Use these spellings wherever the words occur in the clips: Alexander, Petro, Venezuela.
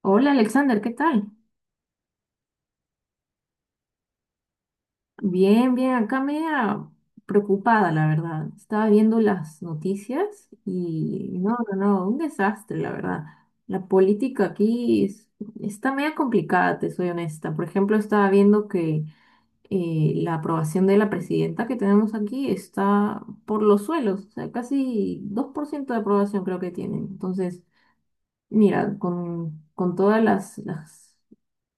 Hola Alexander, ¿qué tal? Bien, bien, acá media preocupada, la verdad. Estaba viendo las noticias y no, no, no, un desastre, la verdad. La política aquí es- Está media complicada, te soy honesta. Por ejemplo, estaba viendo que la aprobación de la presidenta que tenemos aquí está por los suelos, o sea, casi 2% de aprobación creo que tienen. Entonces, mira, con todas las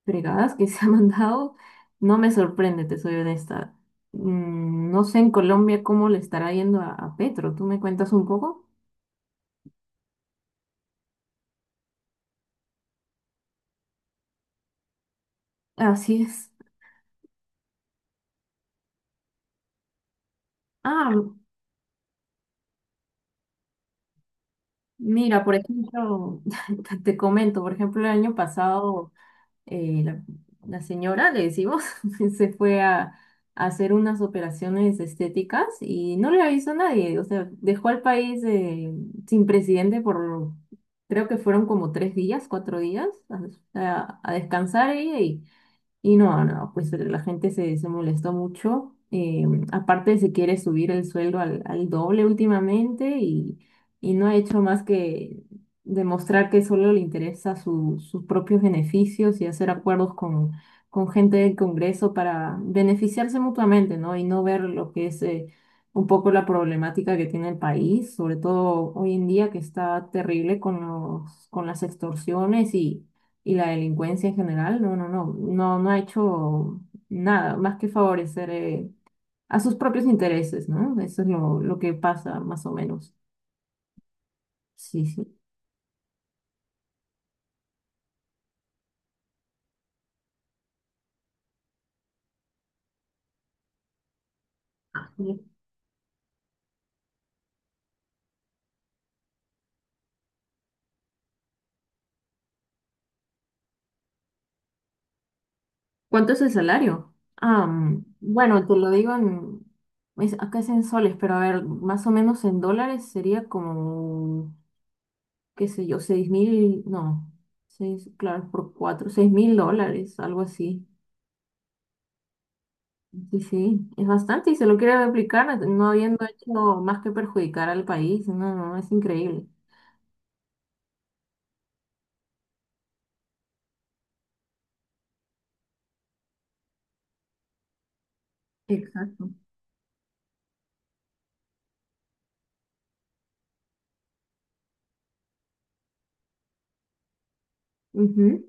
fregadas que se ha mandado, no me sorprende, te soy honesta. Mm, no sé en Colombia cómo le estará yendo a Petro. ¿Tú me cuentas un poco? Así es. Ah, mira, por ejemplo, te comento, por ejemplo, el año pasado. eh, la, la señora, le decimos, se fue a hacer unas operaciones estéticas y no le avisó a nadie. O sea, dejó al país sin presidente por, creo que fueron como 3 días, 4 días, a descansar ella y no, pues la gente se molestó mucho. Aparte se quiere subir el sueldo al doble últimamente y no ha hecho más que demostrar que solo le interesa sus propios beneficios y hacer acuerdos con gente del Congreso para beneficiarse mutuamente, ¿no? Y no ver lo que es un poco la problemática que tiene el país, sobre todo hoy en día que está terrible con las extorsiones y la delincuencia en general. No, no, no, no, no ha hecho nada más que favorecer a sus propios intereses, ¿no? Eso es lo que pasa más o menos. Sí, sí. ¿Cuánto es el salario? Ah, mm, bueno, te lo digo acá es en soles, pero a ver, más o menos en dólares sería como, qué sé yo, 6000, no, seis, claro, por cuatro, 6000 dólares, algo así. Sí, sí, es bastante y se lo quiere replicar no no habiendo hecho más que perjudicar al país. No, no, es increíble. Exacto. Ujú.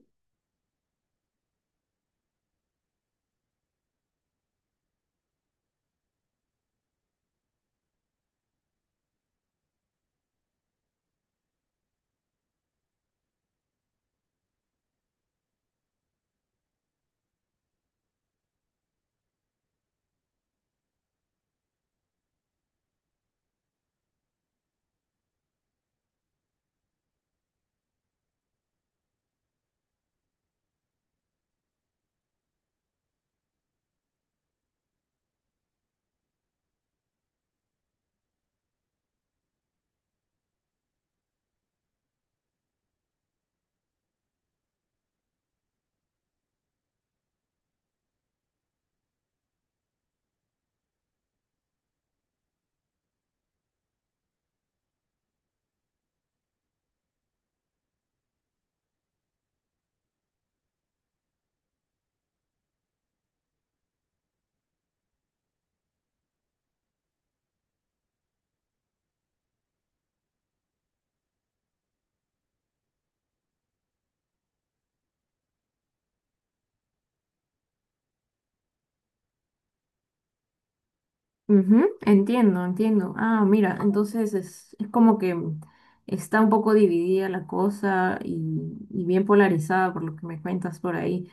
Ujú, entiendo, entiendo. Ah, mira, entonces es como que está un poco dividida la cosa y bien polarizada por lo que me cuentas por ahí.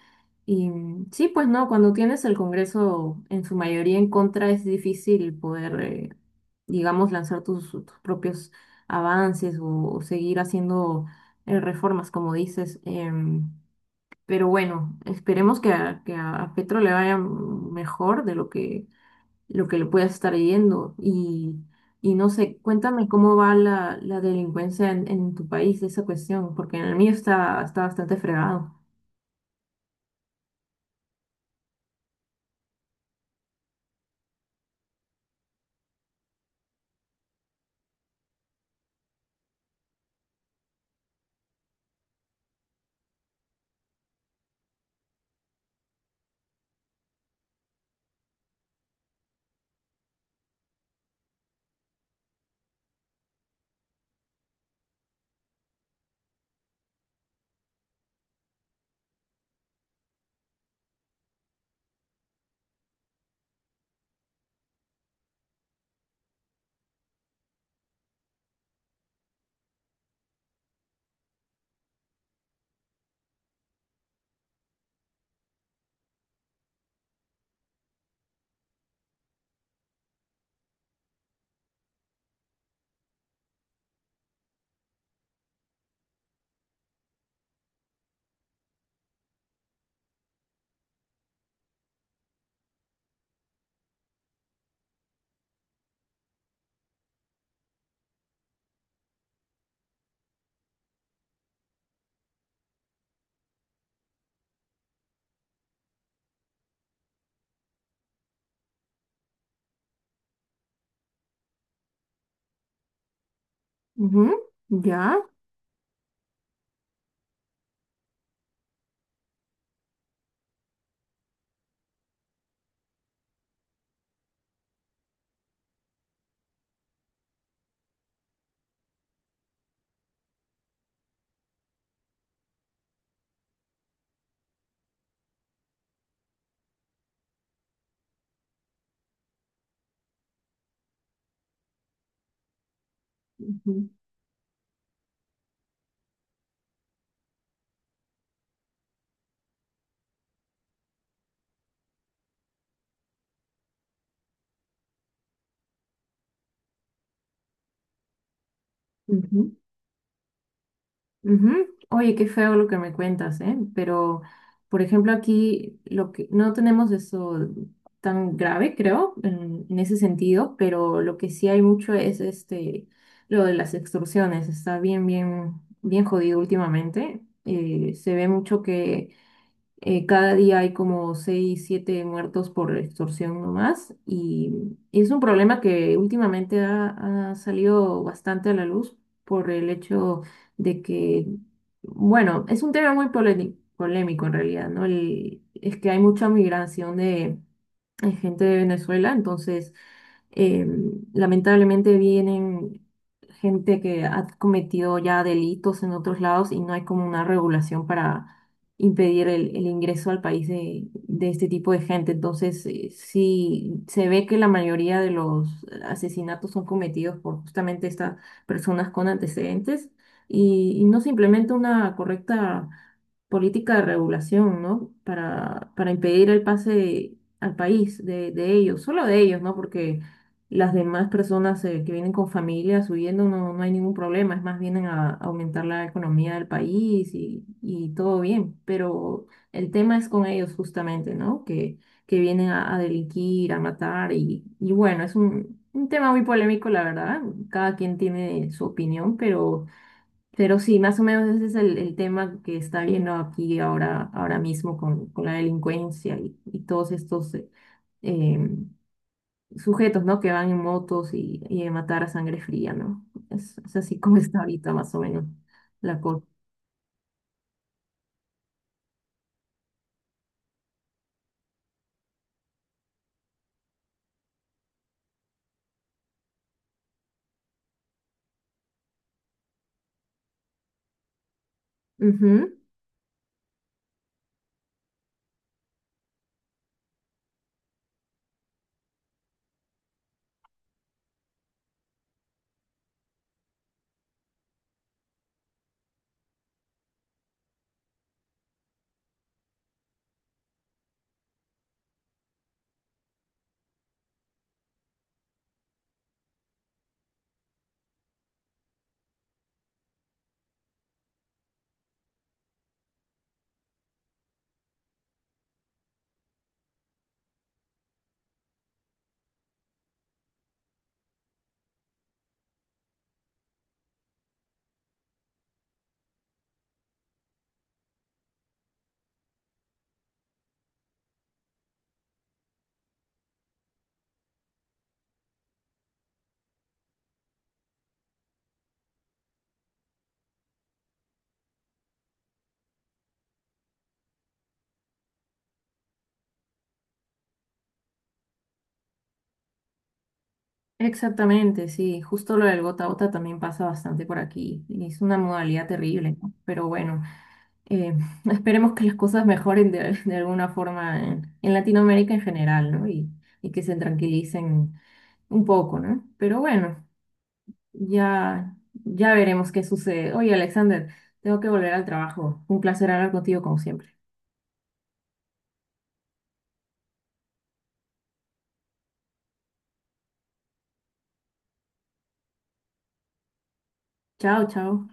Y mm, sí, pues no, cuando tienes el Congreso en su mayoría en contra es difícil poder, digamos, lanzar tus propios avances o seguir haciendo reformas, como dices. Pero bueno, esperemos que que a Petro le vaya mejor de lo que le puedas estar yendo. Y no sé, cuéntame cómo va la delincuencia en tu país, esa cuestión, porque en el mío está, está bastante fregado. Ujú, ya. Ujú, ujú. Ujú. Oye, qué feo lo que me cuentas, ¿eh? Pero, por ejemplo, aquí lo que no tenemos eso tan grave, creo, en ese sentido, pero lo que sí hay mucho es este lo de las extorsiones. Está bien, bien, bien jodido últimamente. Se ve mucho que cada día hay como 6 7 muertos por extorsión nomás y es un problema que últimamente ha salido bastante a la luz por el hecho de que, bueno, es un tema muy polémico en realidad, ¿no? Es que hay mucha migración de es gente de Venezuela, entonces eh, lamentablemente vienen gente que ha cometido ya delitos en otros lados y no hay como una regulación para impedir el ingreso al país de este tipo de gente. Entonces, sí se ve que la mayoría de los asesinatos son cometidos por justamente estas personas con antecedentes y no se implementa una correcta política de regulación, ¿no? Para impedir el pase al país de ellos, solo de ellos, ¿no? Porque las demás personas que vienen con familias huyendo no, no hay ningún problema, es más, vienen a, aumentar la economía del país y todo bien, pero el tema es con ellos justamente, ¿no? Que vienen a delinquir, a matar y bueno, es un tema muy polémico, la verdad, cada quien tiene su opinión, pero... Pero sí, más o menos ese es el tema que está viendo aquí ahora, ahora mismo con la delincuencia y todos estos em, sujetos, ¿no? Que van en motos y a matar a sangre fría, ¿no? Es así como está ahorita más o menos la cosa. Ujú, exactamente, sí. Justo lo del gota a gota también pasa bastante por aquí. Y es una modalidad terrible, ¿no? Pero bueno, eh, esperemos que las cosas mejoren de alguna forma en Latinoamérica en general, ¿no? Y que se tranquilicen un poco, ¿no? Pero bueno, ya, ya veremos qué sucede. Oye, Alexander, tengo que volver al trabajo. Un placer hablar contigo como siempre. Chao, chao.